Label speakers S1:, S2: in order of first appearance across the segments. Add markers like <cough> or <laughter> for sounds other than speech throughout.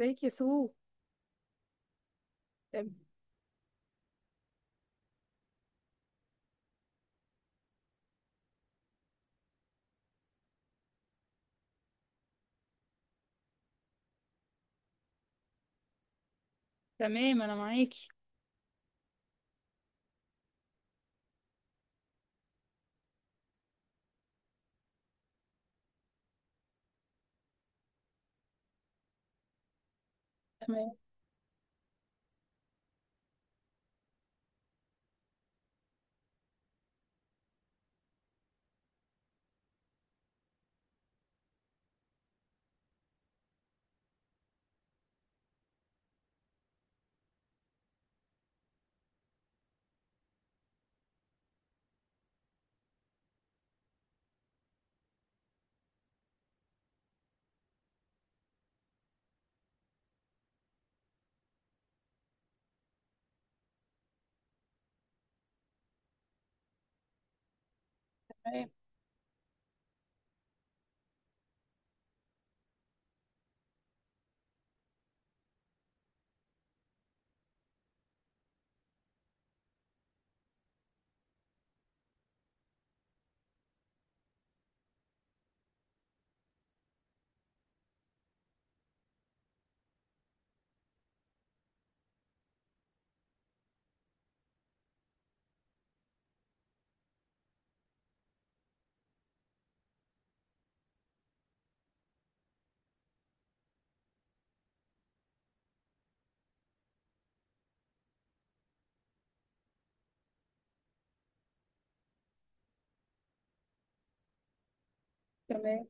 S1: ازيك يا سو. تم- تمام، انا معاكي. تمام. تمام. تمام.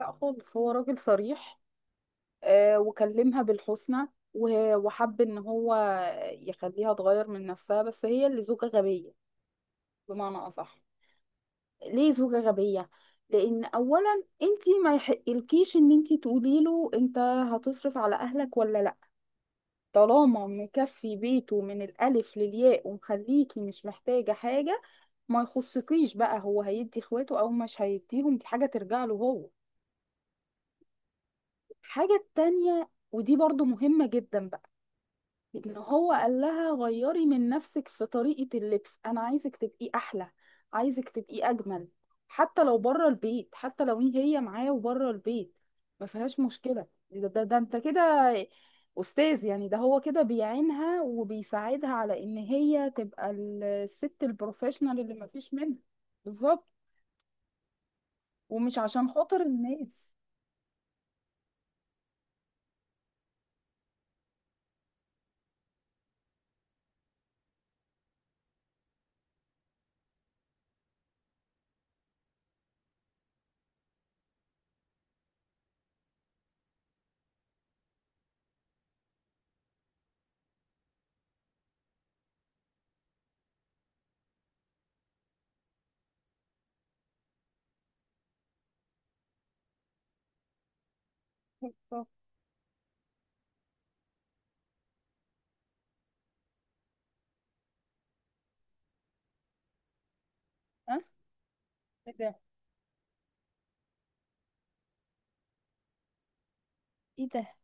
S1: لا خالص، هو راجل صريح. آه، وكلمها بالحسنى، وه- وحب ان هو يخليها تغير من نفسها، بس هي اللي زوجة غبية، بمعنى اصح. ليه زوجة غبية؟ لان اولا انت ما يحقلكيش ان انت تقولي له انت هتصرف على اهلك ولا لا. طالما مكفي بيته من الالف للياء، ومخليكي مش محتاجة حاجة، ما يخصكيش بقى. هو هيدي اخواته او مش هيديهم، دي حاجة ترجع له هو. الحاجة التانية، ودي برضو مهمة جدا بقى، ان هو قال لها غيري من نفسك في طريقة اللبس، انا عايزك تبقي احلى، عايزك تبقي اجمل، حتى لو بره البيت، حتى لو هي معاه وبره البيت ما فيهاش مشكلة. ده انت كده استاذ، يعني ده هو كده بيعينها وبيساعدها على ان هي تبقى الست البروفيشنال اللي ما فيش منها. بالظبط. ومش عشان خاطر الناس. الله. ها. ايه ده؟ ايه ده؟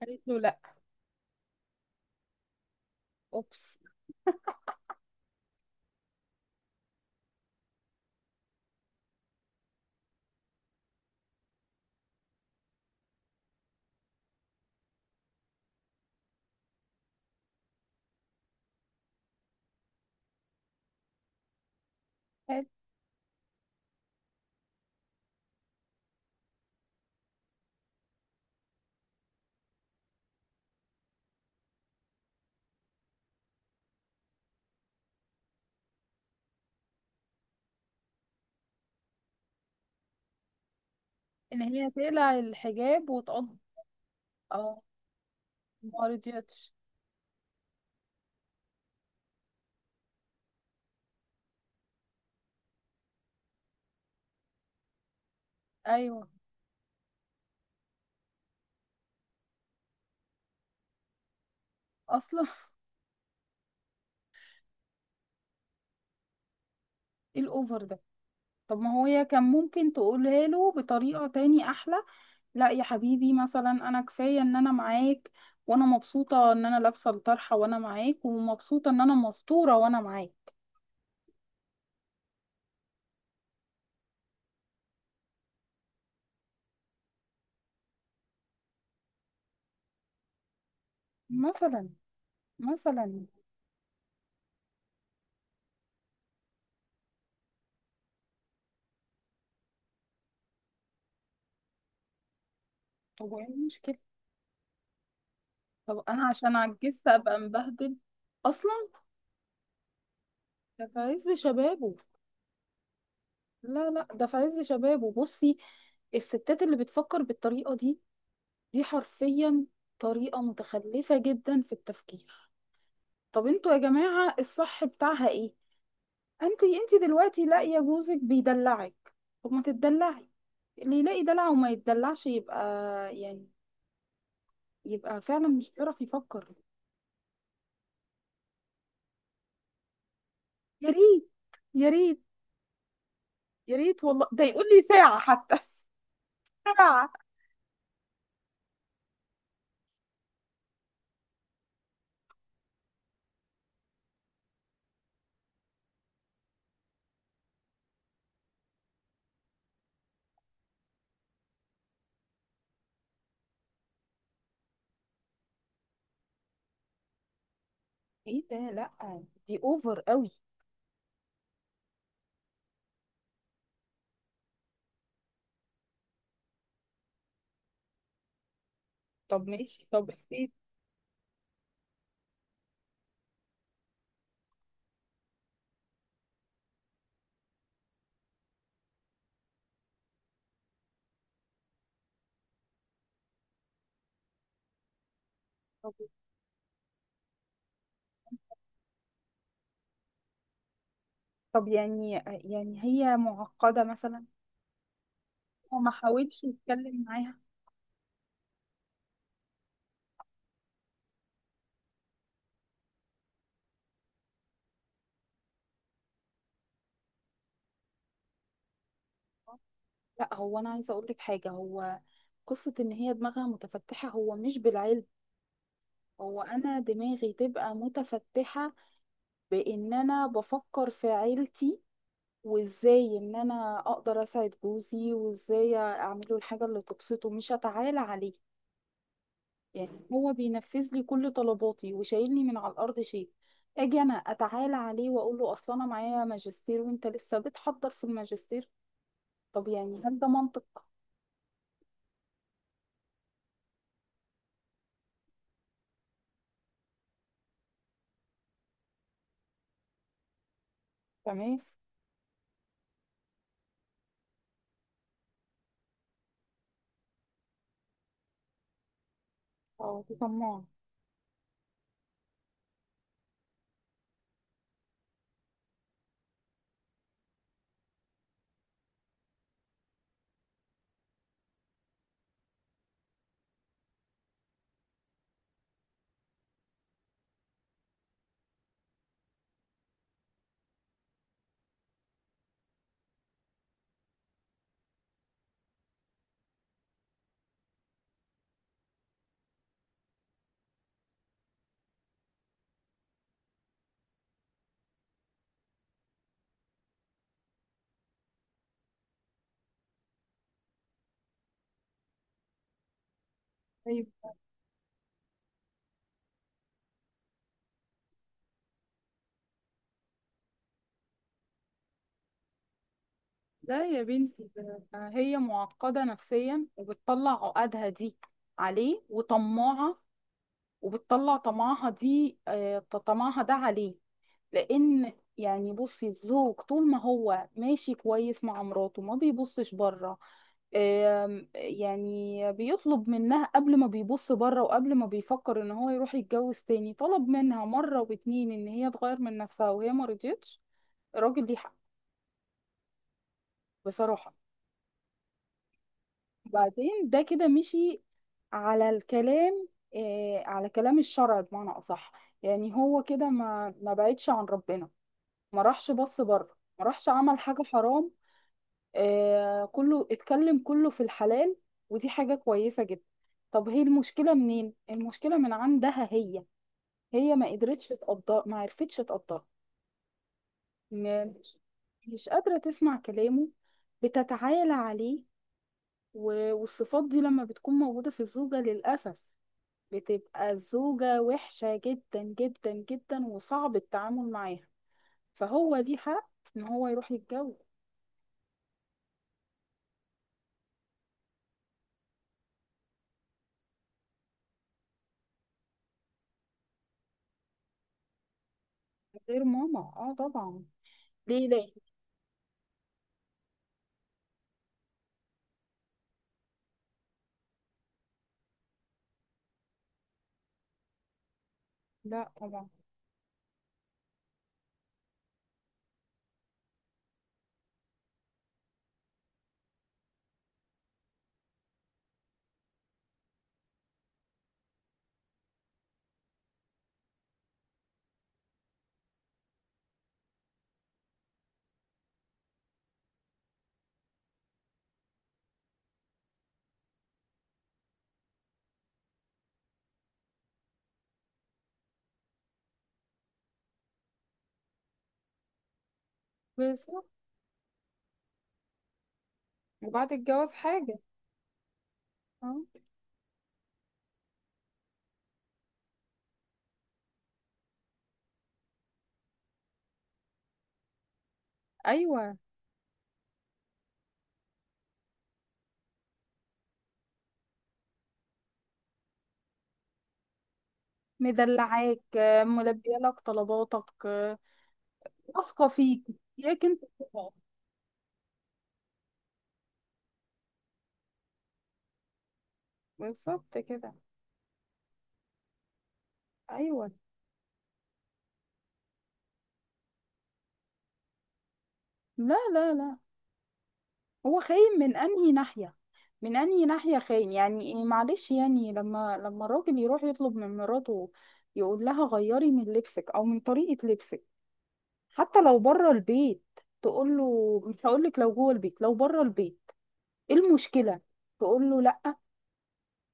S1: قالت له لا. اوبس. حلو. ان هي تقلع الحجاب وتقض. اه. ما رضيتش. ايوه. اصلا <laughs> ايه الاوفر ده؟ طب ما هو هي كان ممكن تقولها له بطريقة تاني احلى، لا يا حبيبي، مثلا انا كفاية ان انا معاك، وانا مبسوطة ان انا لابسة الطرحة وانا معاك، ومبسوطة ان انا مستورة وانا معاك. مثلا. مثلا. طب وايه المشكلة؟ طب انا عشان عجزت ابقى مبهدل؟ اصلا ده في عز شبابه. لا لا، ده في عز شبابه. بصي، الستات اللي بتفكر بالطريقه دي، دي حرفيا طريقه متخلفه جدا في التفكير. طب انتوا يا جماعه الصح بتاعها ايه؟ انت دلوقتي لاقيه جوزك بيدلعك، طب ما تتدلعي. اللي يلاقي دلع وما يتدلعش يبقى يعني يبقى فعلا مش بيعرف يفكر. يا ريت. يا ريت. يا ريت والله، ده يقول لي ساعه حتى <laughs> ساعه. ايه ده؟ لا دي اوفر قوي. طب ماشي، طب ايه؟ طب طب يعني يعني هي معقدة مثلا، هو ما حاولش يتكلم معاها؟ لا، هو انا عايزة اقول لك حاجة، هو قصة ان هي دماغها متفتحة هو مش بالعلم. هو انا دماغي تبقى متفتحة بان انا بفكر في عيلتي، وازاي ان انا اقدر اساعد جوزي، وازاي اعمله الحاجة اللي تبسطه، مش اتعالى عليه. يعني هو بينفذ لي كل طلباتي وشايلني من على الارض شيء، اجي انا اتعالى عليه واقول له اصل انا معايا ماجستير وانت لسه بتحضر في الماجستير؟ طب يعني هل ده منطق؟ تمام. اه دي طماعة. طيب. لا يا بنتي، ده هي معقدة نفسيا وبتطلع عقدها دي عليه، وطماعة وبتطلع طمعها دي، طمعها ده عليه. لان يعني، بصي، الزوج طول ما هو ماشي كويس مع مراته ما بيبصش بره. يعني بيطلب منها، قبل ما بيبص بره وقبل ما بيفكر ان هو يروح يتجوز تاني، طلب منها مرة واتنين ان هي تغير من نفسها وهي ما رضيتش. الراجل ليه حق، بصراحة. بعدين ده كده مشي على الكلام، على كلام الشرع بمعنى اصح. يعني هو كده ما بعدش عن ربنا، ما راحش بص بره، ما راحش عمل حاجة حرام. آه، كله اتكلم، كله في الحلال، ودي حاجة كويسة جدا. طب هي المشكلة منين؟ المشكلة من عندها هي، هي ما قدرتش تقدر، ما عرفتش تقدر، مش مش قادرة تسمع كلامه، بتتعالى عليه، و- والصفات دي لما بتكون موجودة في الزوجة للأسف بتبقى الزوجة وحشة جدا جدا جدا، وصعب التعامل معاها. فهو ليه حق إن هو يروح يتجوز. غير ماما، اه طبعا. ليه ليه. لا طبعا. بس. وبعد الجواز حاجة. اه. ايوه. مدلعاك. ملبيه لك طلباتك. واثقه فيك. اياك انت تبقى. بالظبط كده. ايوه. لا لا لا. هو خاين من انهي ناحيه؟ من انهي ناحيه خاين؟ يعني معلش، يعني لما الراجل يروح يطلب من مراته، يقول لها غيري من لبسك او من طريقه لبسك، حتى لو بره البيت، تقول له مش هقول لك لو جوه البيت لو بره البيت، ايه المشكله؟ تقول له لا.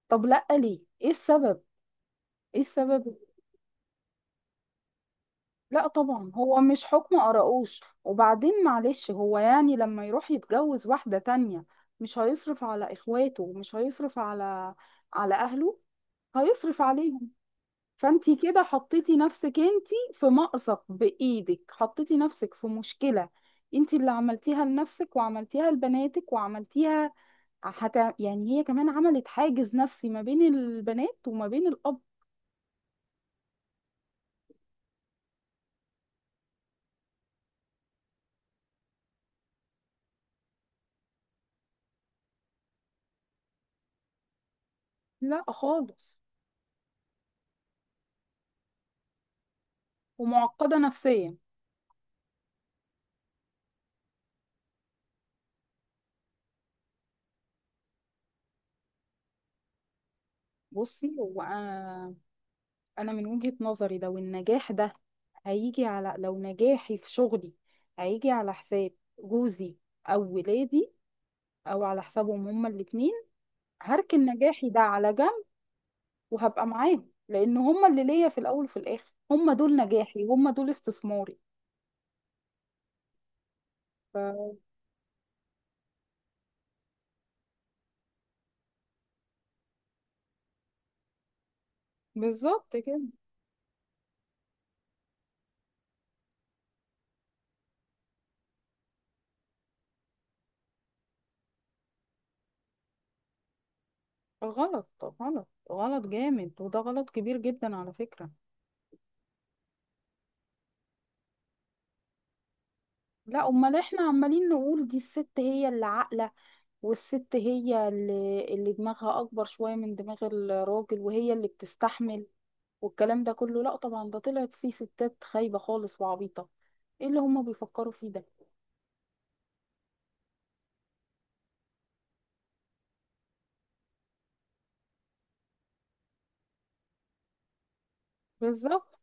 S1: طب لا ليه؟ ايه السبب؟ ايه السبب؟ لا طبعا، هو مش حكم قرقوش. وبعدين، معلش، هو يعني لما يروح يتجوز واحدة تانية مش هيصرف على اخواته، ومش هيصرف على على اهله، هيصرف عليهم. فانتي كده حطيتي نفسك انتي في مأزق، بايدك حطيتي نفسك في مشكلة. انتي اللي عملتيها لنفسك، وعملتيها لبناتك، وعملتيها حتى، يعني هي كمان عملت حاجز نفسي ما بين البنات وما بين الاب. لا خالص. ومعقدة نفسيا. بصي هو انا، أنا من وجهة نظري لو النجاح ده هيجي على، لو نجاحي في شغلي هيجي على حساب جوزي او ولادي، او على حسابهم هما الاتنين، هركن نجاحي ده على جنب وهبقى معاهم، لان هما اللي ليا في الاول وفي الاخر، هما دول نجاحي، هما دول استثماري. ف... بالظبط كده. غلط، غلط جامد، وده غلط كبير جدا على فكرة. لا امال، احنا عمالين نقول دي الست هي اللي عاقلة، والست هي اللي دماغها أكبر شوية من دماغ الراجل، وهي اللي بتستحمل، والكلام ده كله. لا طبعا، ده طلعت فيه ستات خايبة خالص وعبيطة. ايه اللي هما بيفكروا فيه ده؟ بالظبط.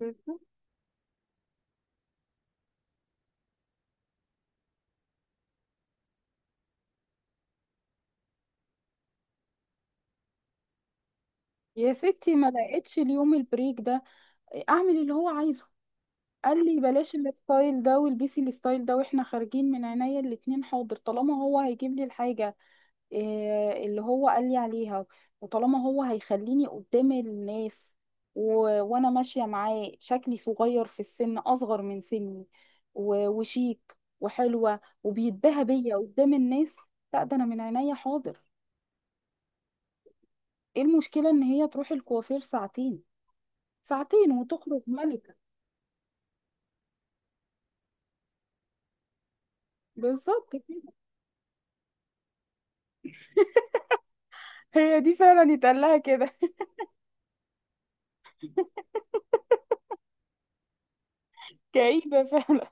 S1: بالظبط. يا ستي ما لقيتش اليوم البريك ده، اعمل اللي هو عايزه. قال لي بلاش الستايل ده والبسي الستايل ده، واحنا خارجين، من عينيا الاتنين، حاضر. طالما هو هيجيب لي الحاجة إيه اللي هو قال لي عليها، وطالما هو هيخليني قدام الناس، و... وانا ماشيه معاه شكلي صغير في السن، اصغر من سني، وشيك وحلوه وبيتباهى بيا قدام الناس، لا ده انا من عينيا حاضر. ايه المشكله ان هي تروح الكوافير ساعتين؟ ساعتين وتخرج ملكه. بالظبط كده. هي دي فعلا يتقال لها كده. <laughs> كئيبه فعلا.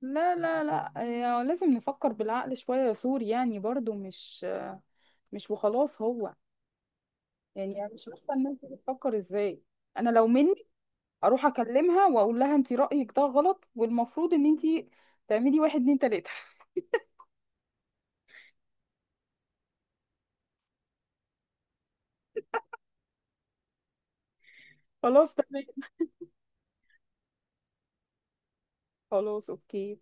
S1: لا لا لا. يعني لازم نفكر بالعقل شويه يا سور، يعني برضو مش، مش وخلاص هو، يعني انا مش عارفه الناس دي بتفكر ازاي. انا لو مني اروح اكلمها واقول لها انت رايك ده غلط، والمفروض ان انت تعملي واحد اتنين تلاته. <laughs> خلاص تمام. خلاص اوكي.